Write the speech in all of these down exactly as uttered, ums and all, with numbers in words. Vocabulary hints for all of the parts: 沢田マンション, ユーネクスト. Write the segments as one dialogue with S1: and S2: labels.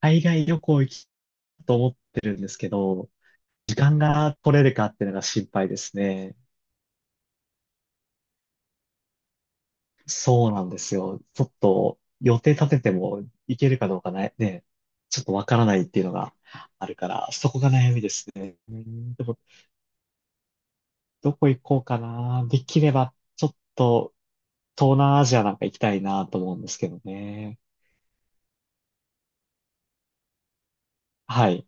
S1: 海外旅行行きたいと思ってるんですけど、時間が取れるかっていうのが心配ですね。そうなんですよ。ちょっと予定立てても行けるかどうかね、ね、ちょっとわからないっていうのがあるから、そこが悩みですね。うんでも、どこ行こうかな。できれば、ちょっと東南アジアなんか行きたいなと思うんですけどね。はい。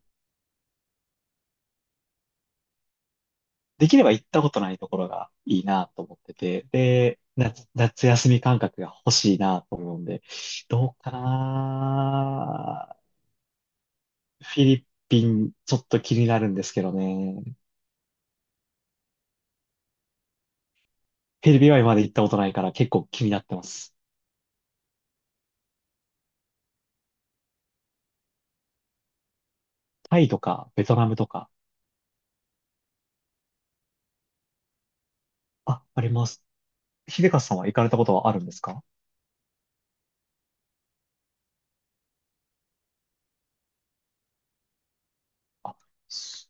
S1: できれば行ったことないところがいいなと思ってて、で、夏、夏休み感覚が欲しいなと思うんで、どうかな。フィリピン、ちょっと気になるんですけどね。フィリピンは今まで行ったことないから結構気になってます。タイとか、ベトナムとか。あ、あります。秀和さんは行かれたことはあるんですか？あ、そ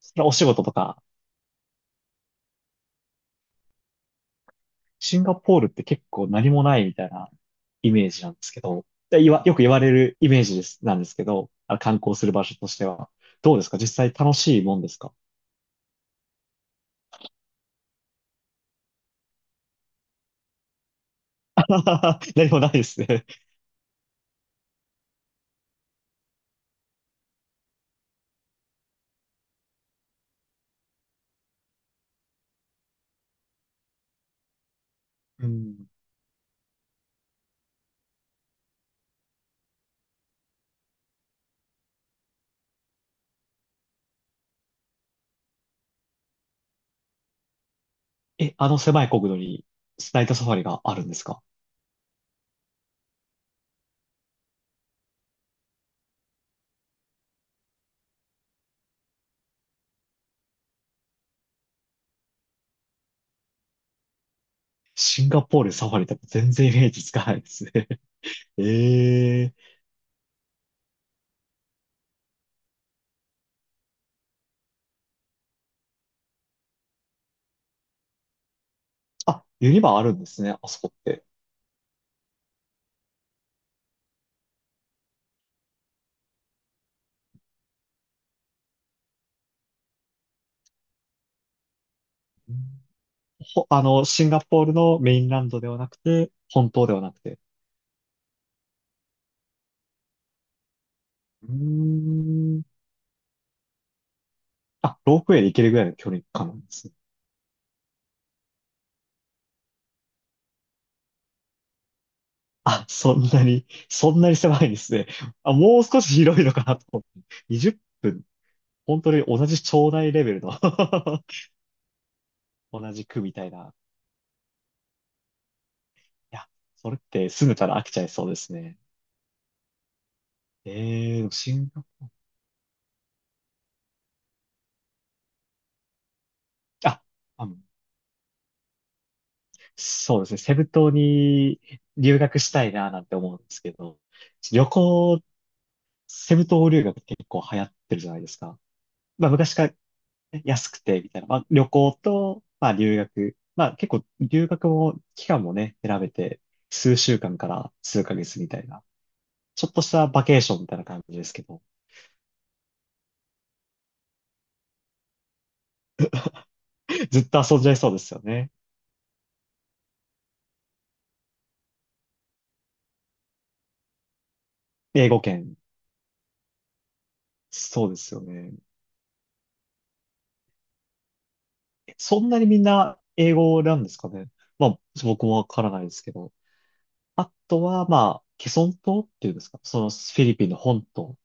S1: それはお仕事とか？シンガポールって結構何もないみたいなイメージなんですけど、で言わよく言われるイメージです、なんですけど、あの観光する場所としては。どうですか、実際楽しいもんですか？ 何もないですね。うん。え、あの狭い国土にスナイトサファリがあるんですか？シンガポールサファリって全然イメージつかないですね。ええ。あ、ユニバあるんですね、あそこって。うん。ほ、あの、シンガポールのメインランドではなくて、本当ではなくて。うーん。あ、ロープウェイで行けるぐらいの距離感なんですね。あ、そんなに、そんなに狭いんですね。あ、もう少し広いのかなと思って。にじゅっぷん、本当に同じ町内レベルの 同じ区みたいな。いや、それって住めたら飽きちゃいそうですね。ええー、シンガ、あ、あの、そうですね。セブ島に留学したいななんて思うんですけど、旅行、セブ島留学って結構流行ってるじゃないですか。まあ昔から安くて、みたいな。まあ、旅行と、まあ、留学。まあ、結構、留学も、期間もね、選べて、すうしゅうかんからすうかげつみたいな。ちょっとしたバケーションみたいな感じですけど。ずっと遊んじゃいそうですよね。英語圏。そうですよね。えそんなにみんな英語なんですかね。まあ、僕もわからないですけど。あとは、まあ、ケソン島っていうんですか。そのフィリピンの本島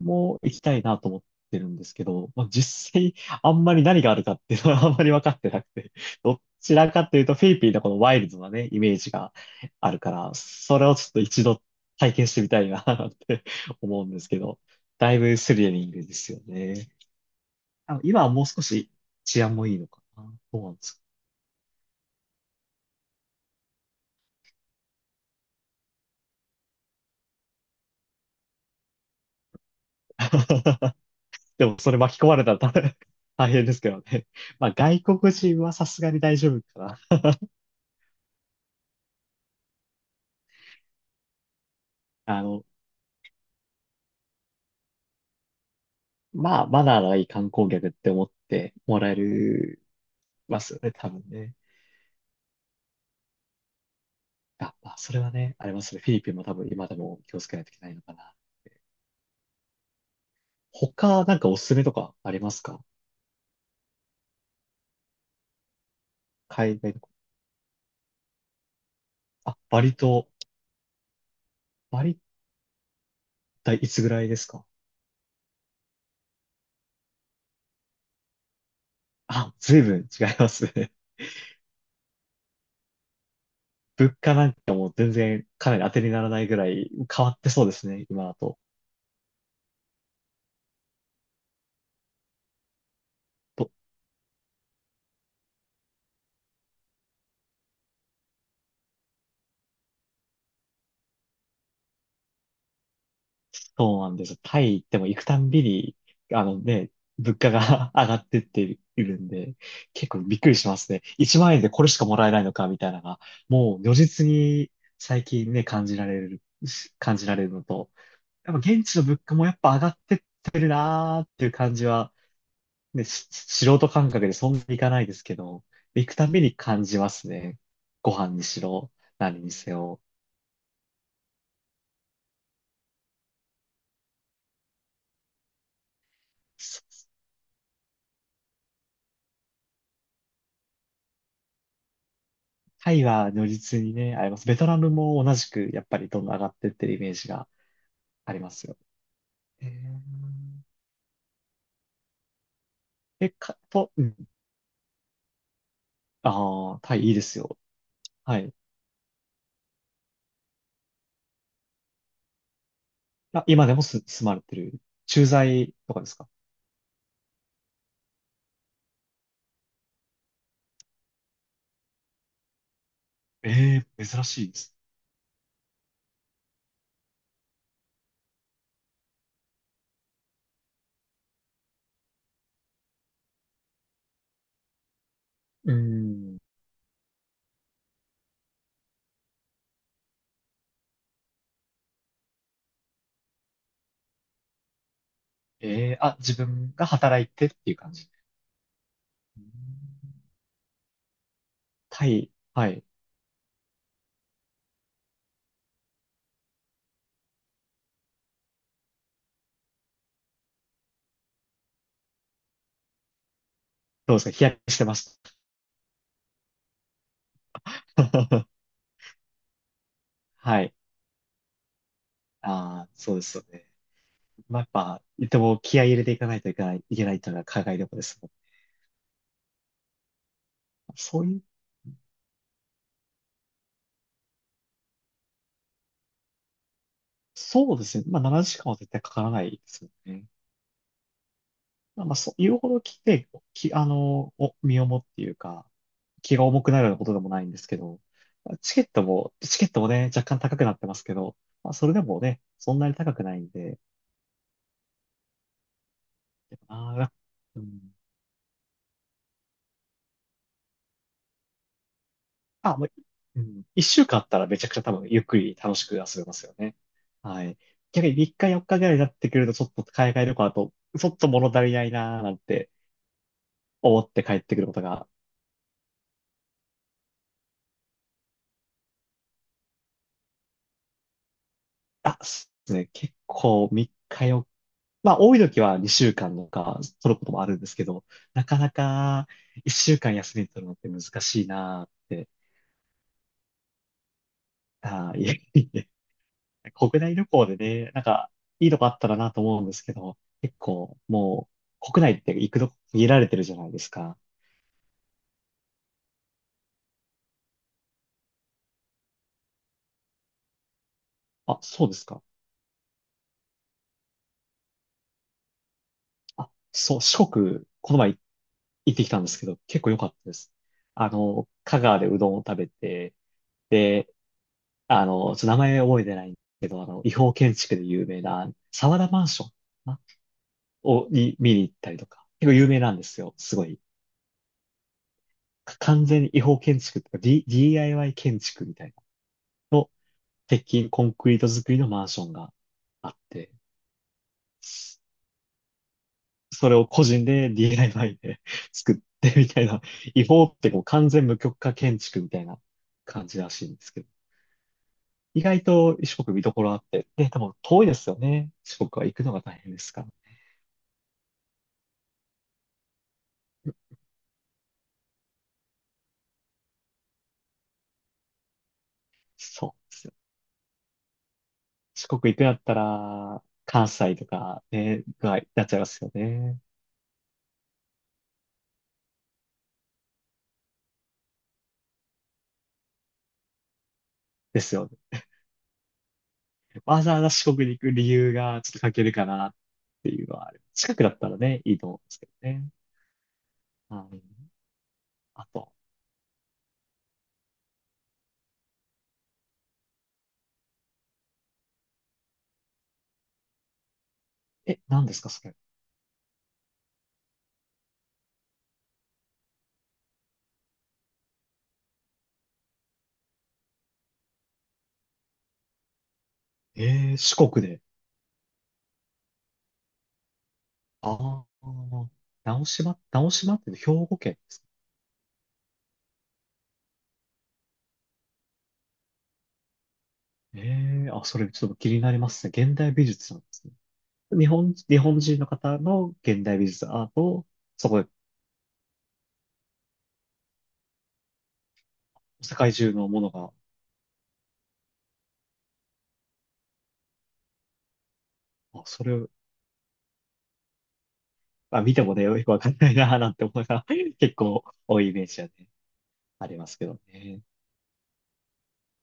S1: も行きたいなと思ってるんですけど、まあ、実際、あんまり何があるかっていうのは あんまり分かってなくて、どちらかというと、フィリピンのこのワイルドなね、イメージがあるから、それをちょっと一度体験してみたいな って思うんですけど、だいぶスリリングですよね。あの今はもう少し治安もいいのかな。思うなんですか。でも、それ巻き込まれたら大変大変ですけどね。まあ、外国人はさすがに大丈夫かな。あの、まあ、マナーのいい観光客って思ってもらえるますよね、多分ね。あ、まあ、それはね、ありますね。フィリピンも多分今でも気をつけないといけないのかな。他、なんかおすすめとかありますか？海外の。あ、バリ島。バリっていつぐらいですか？あ、随分違いますね。物価なんかもう全然かなり当てにならないぐらい変わってそうですね、今だと。どそうなんですよ。タイ行っても行くたんびに、あのね、物価が 上がってっているんで、結構びっくりしますね。いちまんえん円でこれしかもらえないのかみたいなのが、もう如実に最近ね、感じられる、し感じられるのと、やっぱ現地の物価もやっぱ上がってってるなーっていう感じは、ね、し素人感覚でそんなにいかないですけど、行くたんびに感じますね。ご飯にしろ、何にせよ。タイは如実にね、あります。ベトナムも同じく、やっぱりどんどん上がってってるイメージがありますよ。えー、え、か、と、うん。ああ、タイいいですよ。はい。あ、今でもす、住まれてる。駐在とかですか？ええー、珍しいです。うん。ええー。あ、自分が働いてっていう感じ。うん。タイ、はい。どうですか、日焼けしてました。はい。ああ、そうですよね。まあ、やっぱ、でも気合い入れていかないといけない、いけないというのが海外旅行です。そういう、そうですね。まあ、ななじかんは絶対かからないですよね。まあ、まあそう、言うほど来て、き、あの、お、身重っていうか、気が重くなるようなことでもないんですけど、チケットも、チケットもね、若干高くなってますけど、まあ、それでもね、そんなに高くないんで、あー、うん、あ、もう、うん、いっしゅうかんあったらめちゃくちゃ多分ゆっくり楽しく遊べますよね。はい。逆にみっかよっかぐらいになってくると、ちょっと海外旅行だと、ちょっと物足りないなーなんて思って帰ってくることが。あ、そうですね。結構みっかよっか、まあ多い時はにしゅうかんとか取ることもあるんですけど、なかなかいっしゅうかん休み取るのって難しいなーって。あー、いえいえ。国内旅行でね、なんかいいとこあったらなと思うんですけど、結構もう国内って行くとこ限られてるじゃないですか。あ、そうですか。あ、そう、四国、この前行ってきたんですけど、結構良かったです。あの、香川でうどんを食べて、で、あの、ちょっと名前覚えてないんですけど、あの、違法建築で有名な、沢田マンションかなを、に見に行ったりとか、結構有名なんですよ。すごい。か完全に違法建築とか、D、ディーアイワイ 建築みたいなの、鉄筋コンクリート作りのマンションがあって、そそれを個人で ディーアイワイ で 作ってみたいな、違法ってもう完全無許可建築みたいな感じらしいんですけど、意外と四国見どころあって、で、多分遠いですよね。四国は行くのが大変ですから。そうですよ。四国行くんだったら、関西とかね、が、なっちゃいますよね。ですよね。わざわざ四国に行く理由がちょっと欠けるかなっていうのはある。近くだったらね、いいと思うんですけどね。はい。あと、え、何ですか、それ。えー、四国で。ああ、直島、直島って兵庫県ですか。えー、あ、それちょっと気になりますね。現代美術なんですね。日本、日本人の方の現代美術アートを、そこで世界中のものが、あ、それまあ見てもね、よくわかんないなぁなんて思うかが 結構多いイメージはね、ありますけどね。